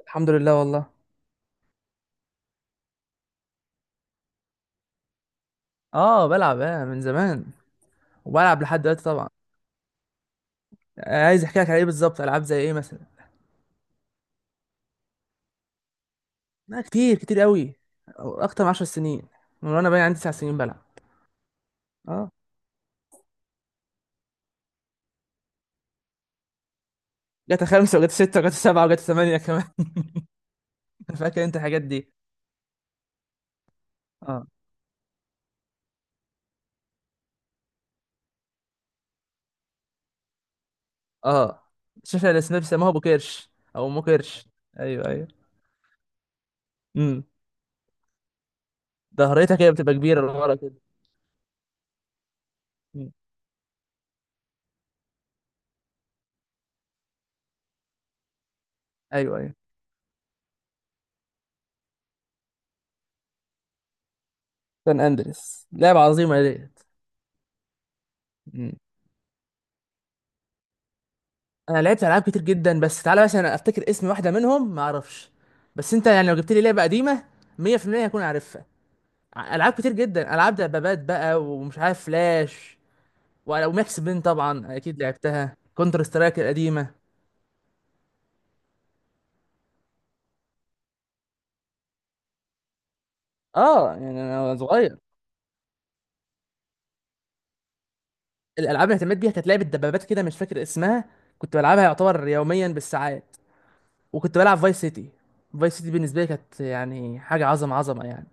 الحمد لله والله. اه بلعب من زمان، وبلعب لحد دلوقتي طبعا. عايز احكي لك على ايه بالظبط؟ العاب زي ايه مثلا؟ لا، كتير كتير قوي، اكتر من 10 سنين، من وانا باين عندي 9 سنين بلعب. اه، جت خمسة وجت ستة وجت سبعة وجت ثمانية كمان. فاكر انت الحاجات دي؟ اه. اه. شاشه الاسماء بيسموها ابو كرش او ام كرش. ايوه ايوه. امم. ظهرتها كده بتبقى كبيره لورا كده. مم. ايوه ايوه. سان اندريس لعبه عظيمه ديت. انا لعبت العاب كتير جدا، بس تعالى مثلا افتكر اسم واحده منهم ما اعرفش، بس انت يعني لو جبت لي لعبه قديمه 100% هكون عارفها. العاب كتير جدا، العاب دبابات بقى ومش عارف فلاش وماكس بين، طبعا اكيد لعبتها، كونتر سترايك القديمه. اه يعني انا صغير. الالعاب اللي اهتميت بيها كانت لعبه دبابات كده مش فاكر اسمها، كنت بلعبها يعتبر يوميا بالساعات. وكنت بلعب فايس سيتي. فايس سيتي بالنسبه لي كانت يعني حاجه عظمه عظمه يعني.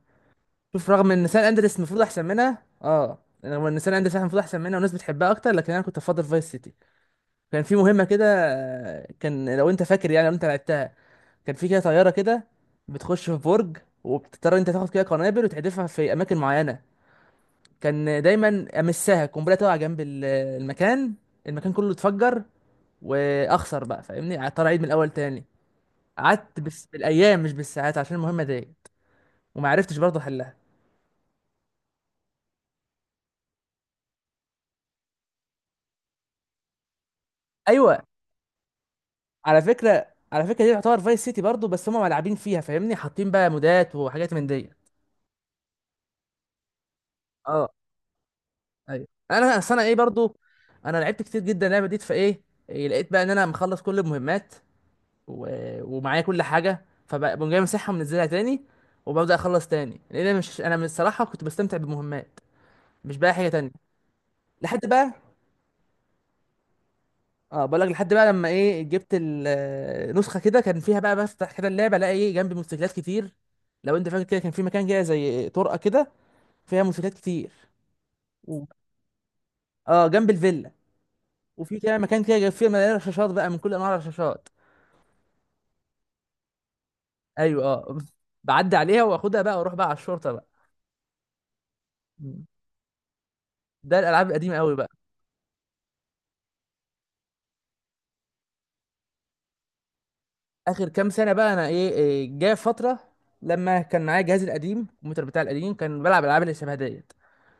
شوف، رغم ان سان اندريس المفروض احسن منها، اه، رغم ان سان اندريس المفروض احسن منها والناس بتحبها اكتر، لكن انا كنت بفضل فايس سيتي. كان في مهمه كده. كان لو انت فاكر، يعني لو انت لعبتها، كان في كده طياره كده بتخش في برج، وبتضطر انت تاخد كده قنابل وتحدفها في اماكن معينه. كان دايما امسها قنبله تقع جنب المكان، المكان كله اتفجر، واخسر بقى فاهمني، اضطر اعيد من الاول تاني. قعدت بس بالايام مش بالساعات عشان المهمه ديت، وما عرفتش برضه احلها. ايوه. على فكره، على فكره دي تعتبر فايس سيتي برضو، بس هم ملعبين فيها فاهمني، حاطين بقى مودات وحاجات من دي. اه. ايوه انا أصل انا برضو، انا لعبت كتير جدا اللعبه دي فايه، إيه، لقيت بقى ان انا مخلص كل المهمات و... ومعايا كل حاجه، فبقوم جاي مسحها ومنزلها تاني، وببدا اخلص تاني لان انا مش انا من الصراحه كنت بستمتع بالمهمات، مش بقى حاجه تانية. لحد بقى، اه بقول لك لحد بقى لما ايه جبت النسخه كده، كان فيها بقى بفتح كده اللعبه الاقي ايه جنبي موتوسيكلات كتير. لو انت فاكر كده كان في مكان كده زي طرقه كده فيها منشورات كتير. و... اه، جنب الفيلا. وفي كده مكان كده جايب فيه مليان رشاشات بقى من كل انواع الرشاشات. ايوه اه. بعدي عليها واخدها بقى واروح بقى على الشرطه بقى. مم. ده الالعاب القديمه قوي بقى. اخر كام سنه بقى إيه، جايه فتره لما كان معايا جهازي القديم، الكمبيوتر بتاعي القديم، كان بلعب الالعاب اللي شبه ديت،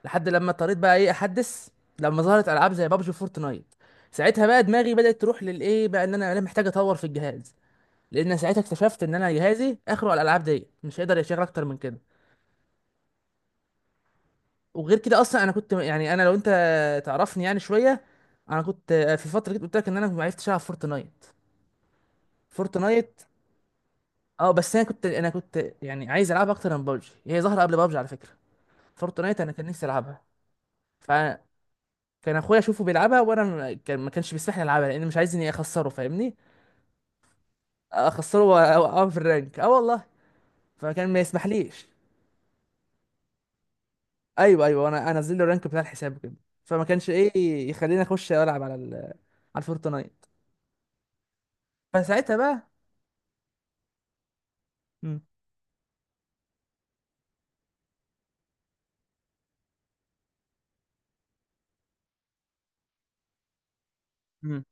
لحد لما اضطريت بقى ايه احدث، لما ظهرت العاب زي بابجي فورتنايت. ساعتها بقى دماغي بدات تروح للايه بقى، ان انا محتاج اطور في الجهاز، لان ساعتها اكتشفت ان انا جهازي اخره على الالعاب ديت، مش هيقدر يشغل اكتر من كده. وغير كده اصلا انا كنت يعني، انا لو انت تعرفني يعني شويه، انا كنت في فتره، كنت قلت لك ان انا ما عرفتش العب فورتنايت. فورتنايت اه، بس انا كنت يعني عايز العبها اكتر من بابجي، هي ظهر قبل بابجي على فكره، فورتنايت انا كان نفسي العبها. فكان اخويا اشوفه بيلعبها، وانا ما- كان ما كانش بيسمحني العبها، لان مش عايز اني اخسره فاهمني، اخسره واوقعه في الرانك، اه والله، فكان ما يسمحليش. ايوه ايوه، انا انزل له الرانك بتاع الحساب وكده، فما كانش ايه يخليني اخش العب على على الفورتنايت. فساعتها بقى، امم.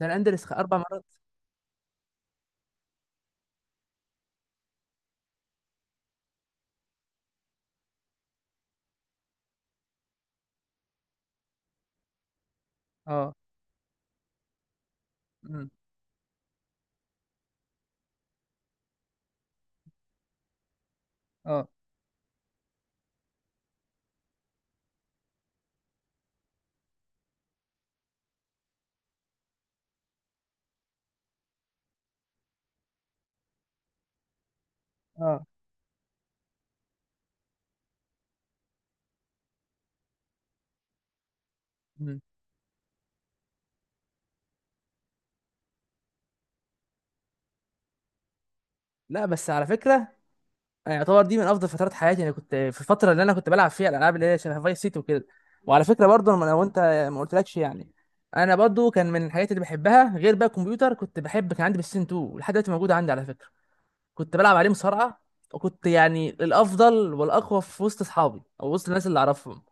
ده الاندلس اربع مرات. اه. امم. اه. اه. امم. لا بس على فكره، يعني يعتبر دي من افضل فترات حياتي، انا كنت في الفتره اللي انا كنت بلعب فيها الالعاب اللي هي شبه فايس سيتي وكده. وعلى فكره برضه لو انت ما قلتلكش يعني، انا برضه كان من الحاجات اللي بحبها غير بقى الكمبيوتر كنت بحب، كان عندي بلاي 2 ولحد دلوقتي موجود عندي على فكره، كنت بلعب عليه مصارعه، وكنت يعني الافضل والاقوى في وسط اصحابي او وسط الناس اللي اعرفهم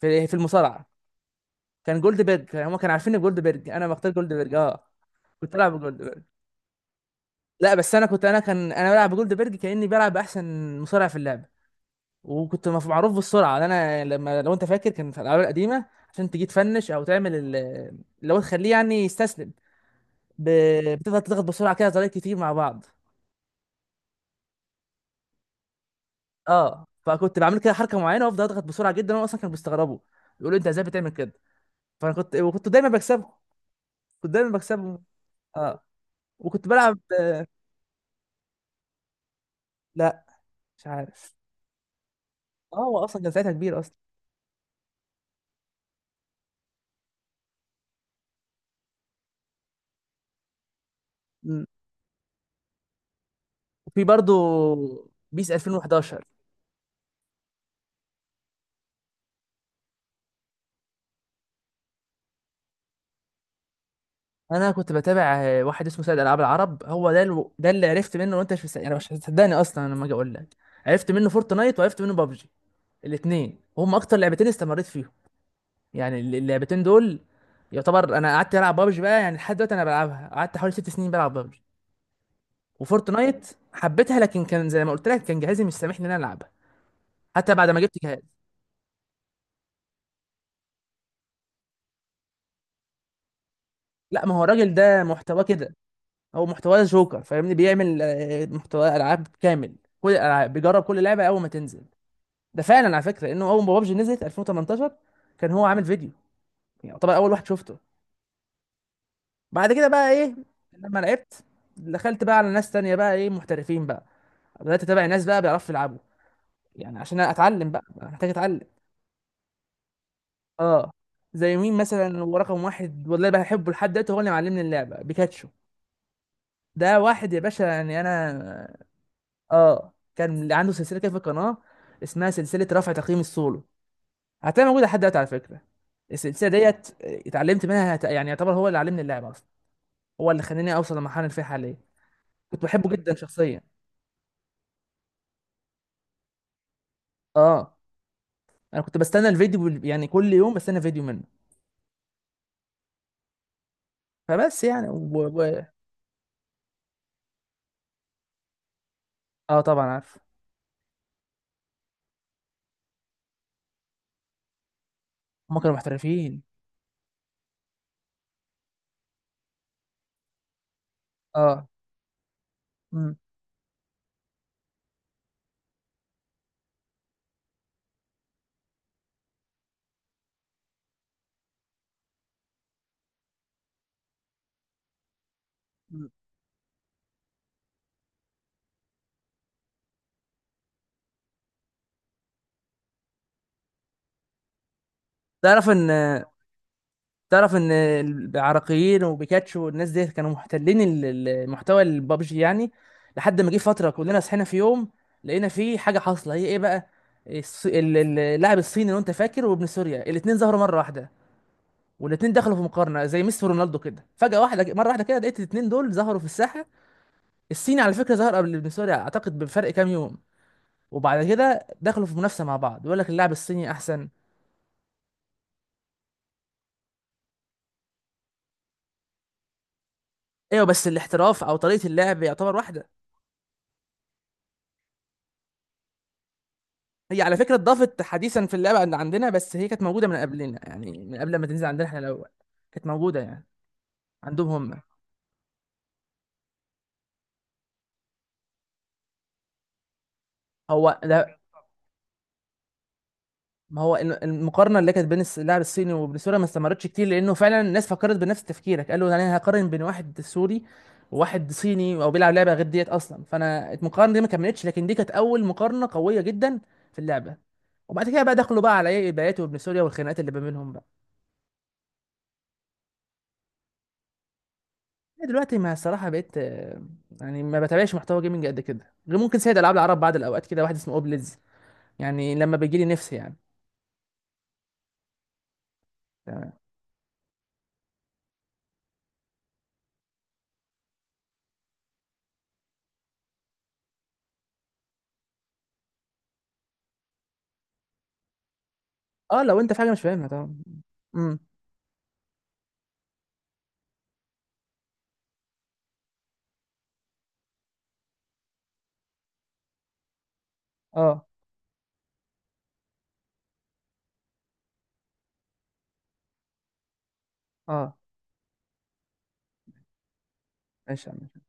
في المصارعه. كان جولد بيرج، هم كانوا عارفين جولد بيرج، انا بختار جولد بيرج. اه كنت العب. لا بس انا بلعب بجولدبرج كاني بلعب باحسن مصارع في اللعبه. وكنت معروف بالسرعه، لأن انا لما، لو انت فاكر كان في الالعاب القديمه عشان تجي تفنش او تعمل اللي هو تخليه يعني يستسلم، ب... بتفضل تضغط بسرعه كده طريقة كتير مع بعض. اه، فكنت بعمل كده حركه معينه وافضل اضغط بسرعه جدا، وانا اصلا كانوا بيستغربوا، يقولوا انت ازاي بتعمل كده، فانا كنت دايما بكسبهم، كنت دايما بكسبهم. اه. وكنت بلعب. لا مش عارف. اه هو اصلا كان ساعتها كبير اصلا. مم. وفي برضه بيس 2011. انا كنت بتابع واحد اسمه سيد العاب العرب، هو ده ده اللي عرفت منه، وانت مش مست... يعني مش هتصدقني اصلا أنا لما اجي اقول لك، عرفت منه فورتنايت وعرفت منه بابجي الاثنين، وهم اكتر لعبتين استمريت فيهم، يعني اللعبتين دول. يعتبر انا قعدت العب بابجي بقى يعني لحد دلوقتي انا بلعبها، قعدت حوالي 6 سنين بلعب بابجي. وفورتنايت حبيتها، لكن كان زي ما قلت لك كان جهازي مش سامحني ان انا العبها حتى بعد ما جبت جهاز. لا، ما هو الراجل ده محتواه كده، هو محتواه جوكر فاهمني، بيعمل محتوى العاب كامل، كل الالعاب بيجرب كل لعبه اول ما تنزل، ده فعلا على فكره لانه اول ما بابجي نزلت 2018 كان هو عامل فيديو، يعني طبعا اول واحد شفته. بعد كده بقى ايه، لما لعبت دخلت بقى على ناس تانية بقى ايه محترفين بقى، بدات اتابع ناس بقى بيعرفوا يلعبوا، يعني عشان اتعلم بقى، أنا محتاج اتعلم. اه. زي مين مثلا، هو رقم واحد والله بحبه لحد دلوقتي، هو اللي معلمني اللعبه، بيكاتشو. ده واحد يا باشا يعني انا. اه، كان عنده سلسله كده في القناه اسمها سلسله رفع تقييم السولو، هتلاقيها موجوده لحد دلوقتي على فكره. السلسله ديت اتعلمت منها، يعني يعتبر هو اللي علمني اللعبه اصلا، هو اللي خلاني اوصل للمرحله اللي فيها حاليا. كنت بحبه جدا شخصيا. اه، انا كنت بستنى الفيديو يعني كل يوم بستنى فيديو منه. فبس يعني و... اه طبعا عارف. هم كانوا محترفين. اه. امم. تعرف ان تعرف ان العراقيين وبيكاتشو والناس دي كانوا محتلين المحتوى البابجي يعني، لحد ما جه فتره كلنا صحينا في يوم لقينا فيه حاجه حاصله، هي ايه بقى؟ اللاعب الصيني لو انت فاكر وابن سوريا، الاثنين ظهروا مره واحده، والاثنين دخلوا في مقارنه زي ميسي ورونالدو كده، فجاه واحده مره واحده كده لقيت الاثنين دول ظهروا في الساحه. الصيني على فكره ظهر قبل ابن سوريا اعتقد بفرق كام يوم، وبعد كده دخلوا في منافسه مع بعض، يقول لك اللاعب الصيني احسن. ايوه، بس الاحتراف او طريقه اللعب يعتبر واحده. هي على فكرة اتضافت حديثا في اللعبة عندنا، بس هي كانت موجودة من قبلنا يعني، من قبل ما تنزل عندنا احنا الأول كانت موجودة يعني، عندهم هم. هو لا، ما هو المقارنة اللي كانت بين اللاعب الصيني وبين سوريا ما استمرتش كتير، لأنه فعلا الناس فكرت بنفس تفكيرك، قالوا أنا هقارن بين واحد سوري وواحد صيني أو بيلعب لعبة غير ديت أصلا، فأنا المقارنة دي ما كملتش، لكن دي كانت أول مقارنة قوية جدا في اللعبة. وبعد كده بقى دخلوا بقى على ايه، البيات وابن سوريا والخناقات اللي ما بينهم بقى. دلوقتي ما الصراحه بقيت يعني ما بتابعش محتوى جيمنج قد كده، غير ممكن سيد العاب العرب بعض الاوقات، كده واحد اسمه اوبليدز، يعني لما بيجي لي نفسي يعني. تمام. اه لو انت في حاجه مش فاهمها طبعا. امم. اه. اه. ماشي يا عم.